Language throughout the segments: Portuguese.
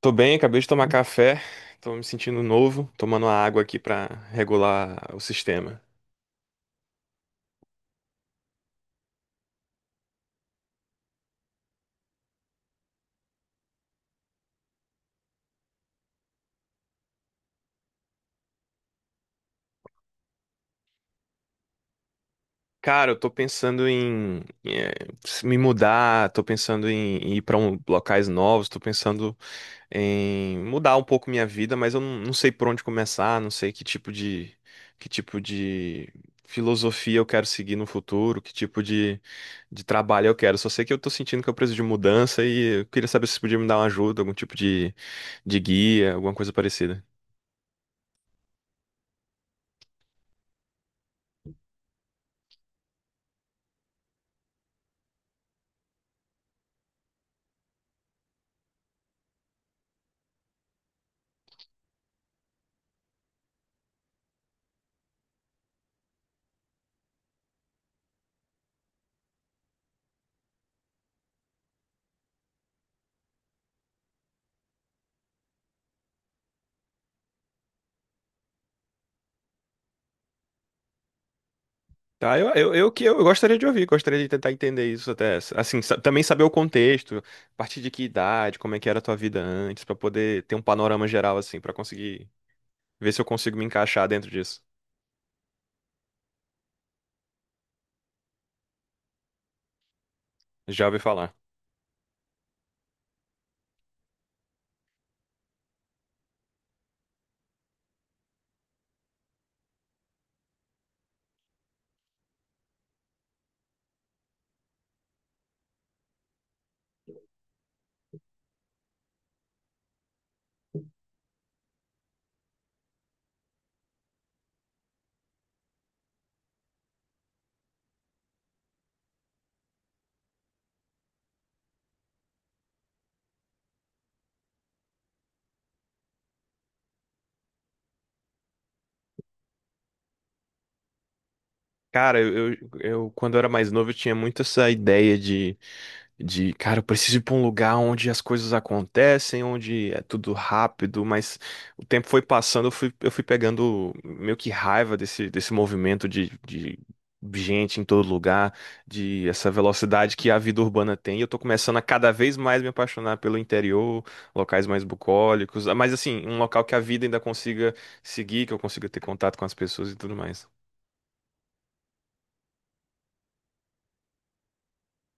Tô bem, acabei de tomar café, tô me sentindo novo, tomando a água aqui pra regular o sistema. Cara, eu tô pensando em me mudar, tô pensando em ir pra um, locais novos, tô pensando em mudar um pouco minha vida, mas eu não sei por onde começar, não sei que tipo de filosofia eu quero seguir no futuro, que tipo de trabalho eu quero. Só sei que eu tô sentindo que eu preciso de mudança e eu queria saber se você podia me dar uma ajuda, algum tipo de guia, alguma coisa parecida. Tá, eu que eu gostaria de ouvir, gostaria de tentar entender isso até, assim, também saber o contexto, a partir de que idade, como é que era a tua vida antes, pra poder ter um panorama geral assim, pra conseguir ver se eu consigo me encaixar dentro disso. Já ouvi falar. Cara, quando eu era mais novo, eu tinha muito essa ideia de, cara, eu preciso ir pra um lugar onde as coisas acontecem, onde é tudo rápido, mas o tempo foi passando, eu fui pegando meio que raiva desse, desse movimento de gente em todo lugar, de essa velocidade que a vida urbana tem. E eu tô começando a cada vez mais me apaixonar pelo interior, locais mais bucólicos, mas assim, um local que a vida ainda consiga seguir, que eu consiga ter contato com as pessoas e tudo mais.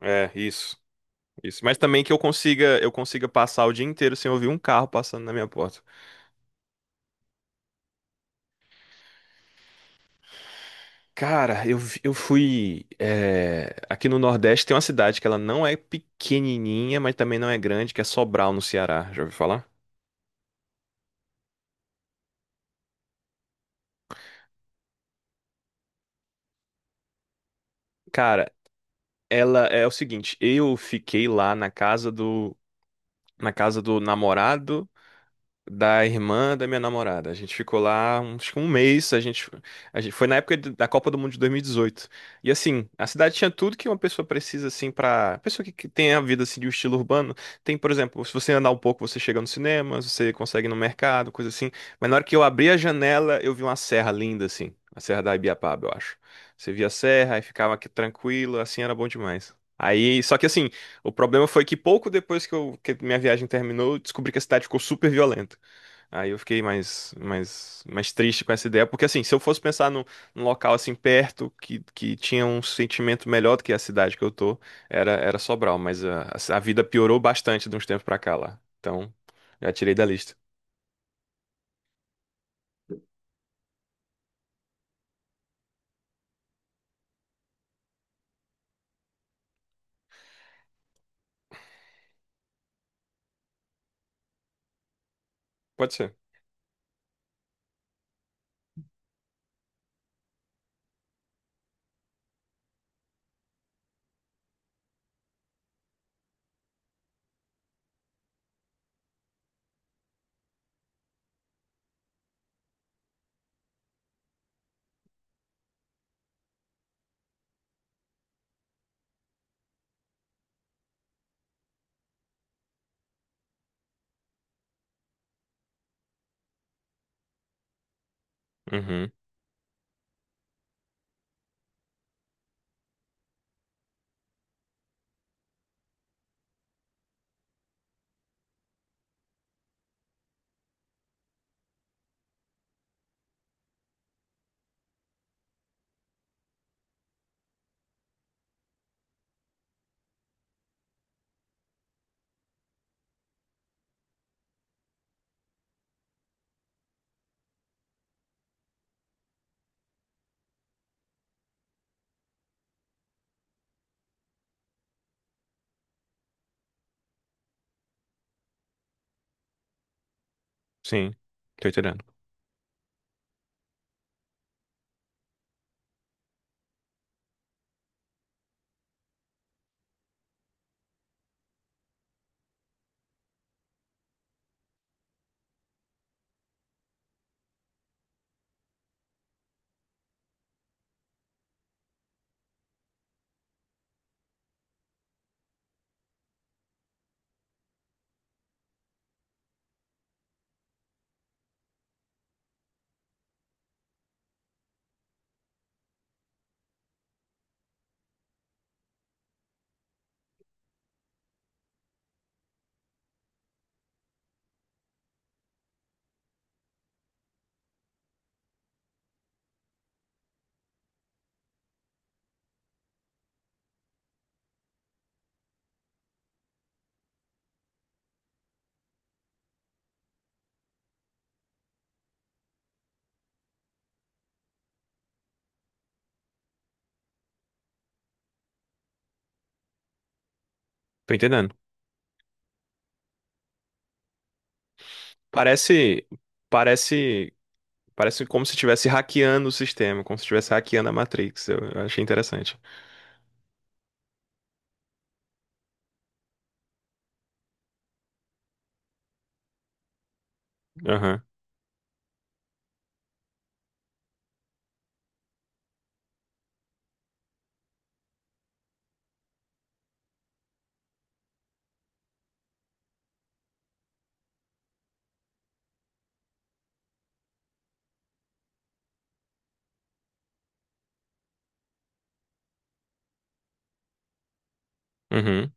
É, isso. Mas também que eu consiga passar o dia inteiro sem ouvir um carro passando na minha porta. Cara, eu fui. É, aqui no Nordeste tem uma cidade que ela não é pequenininha, mas também não é grande, que é Sobral, no Ceará. Já ouviu falar? Cara, ela é o seguinte: eu fiquei lá na casa na casa do namorado da irmã da minha namorada. A gente ficou lá uns, acho que um mês, a gente foi na época da Copa do Mundo de 2018. E dezoito. E assim, a cidade tinha tudo que uma pessoa precisa assim para, pessoa que tem a vida assim de um estilo urbano, tem, por exemplo, se você andar um pouco, você chega no cinema, você consegue ir no mercado, coisa assim. Mas na hora que eu abri a janela, eu vi uma serra linda assim, a Serra da Ibiapaba, eu acho. Você via a serra e ficava aqui tranquilo, assim era bom demais. Aí, só que assim, o problema foi que pouco depois que minha viagem terminou, eu descobri que a cidade ficou super violenta. Aí eu fiquei mais triste com essa ideia, porque assim, se eu fosse pensar num, num local assim perto que tinha um sentimento melhor do que a cidade que eu tô, era Sobral, mas a vida piorou bastante de uns tempos pra cá lá. Então, já tirei da lista. Pode ser. Uhum, sim. Tô entendendo. Tô entendendo. Parece, parece, Parece como se estivesse hackeando o sistema, como se estivesse hackeando a Matrix. Eu achei interessante. Aham. Uhum.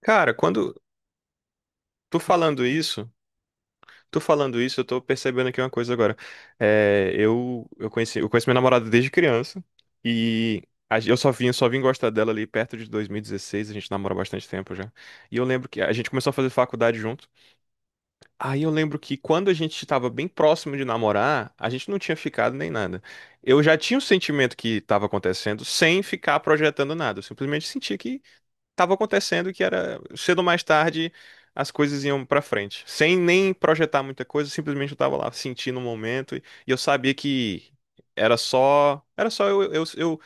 Cara, quando tu falando isso Tô falando isso, eu tô percebendo aqui uma coisa agora. É, eu conheço minha namorada desde criança e a gen- eu só vim gostar dela ali perto de 2016, a gente namora há bastante tempo já. E eu lembro que a gente começou a fazer faculdade junto. Aí eu lembro que quando a gente estava bem próximo de namorar, a gente não tinha ficado nem nada. Eu já tinha o sentimento que estava acontecendo sem ficar projetando nada. Eu simplesmente sentia que estava acontecendo que era cedo ou mais tarde as coisas iam pra frente, sem nem projetar muita coisa, simplesmente eu tava lá sentindo o momento e eu sabia que era só eu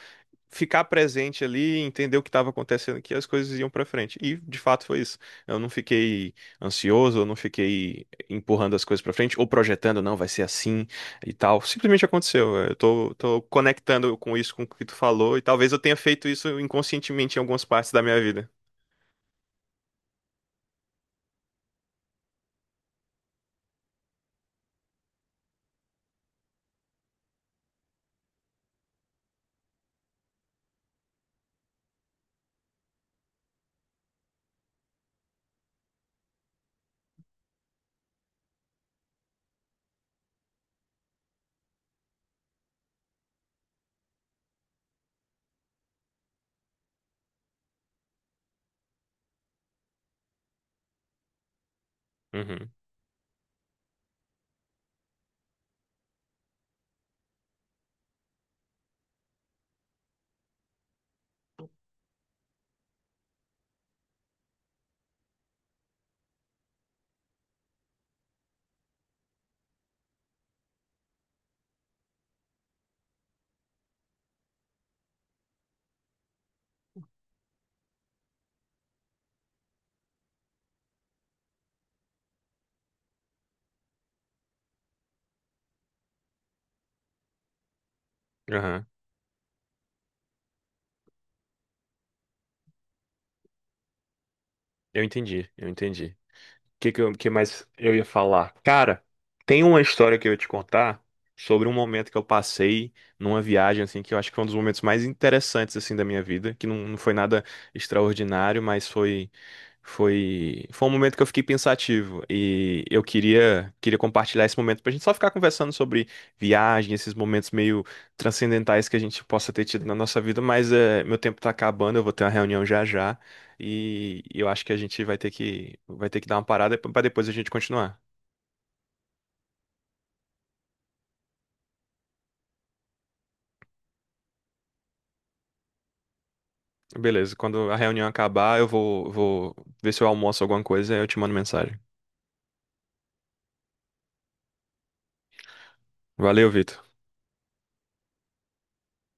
ficar presente ali, e entender o que estava acontecendo, que as coisas iam pra frente. E de fato foi isso. Eu não fiquei ansioso, eu não fiquei empurrando as coisas pra frente ou projetando, não, vai ser assim e tal. Simplesmente aconteceu. Tô conectando com isso, com o que tu falou, e talvez eu tenha feito isso inconscientemente em algumas partes da minha vida. Uhum, aham. Eu entendi. O que, que, eu- que mais eu ia falar? Cara, tem uma história que eu ia te contar sobre um momento que eu passei numa viagem, assim, que eu acho que foi um dos momentos mais interessantes, assim, da minha vida, que não foi nada extraordinário, mas foi um momento que eu fiquei pensativo e eu queria compartilhar esse momento pra gente só ficar conversando sobre viagem, esses momentos meio transcendentais que a gente possa ter tido na nossa vida, mas é, meu tempo tá acabando, eu vou ter uma reunião já já. E eu acho que a gente vai ter que dar uma parada para depois a gente continuar. Beleza, quando a reunião acabar, vou ver se eu almoço alguma coisa e eu te mando mensagem. Valeu, Vitor.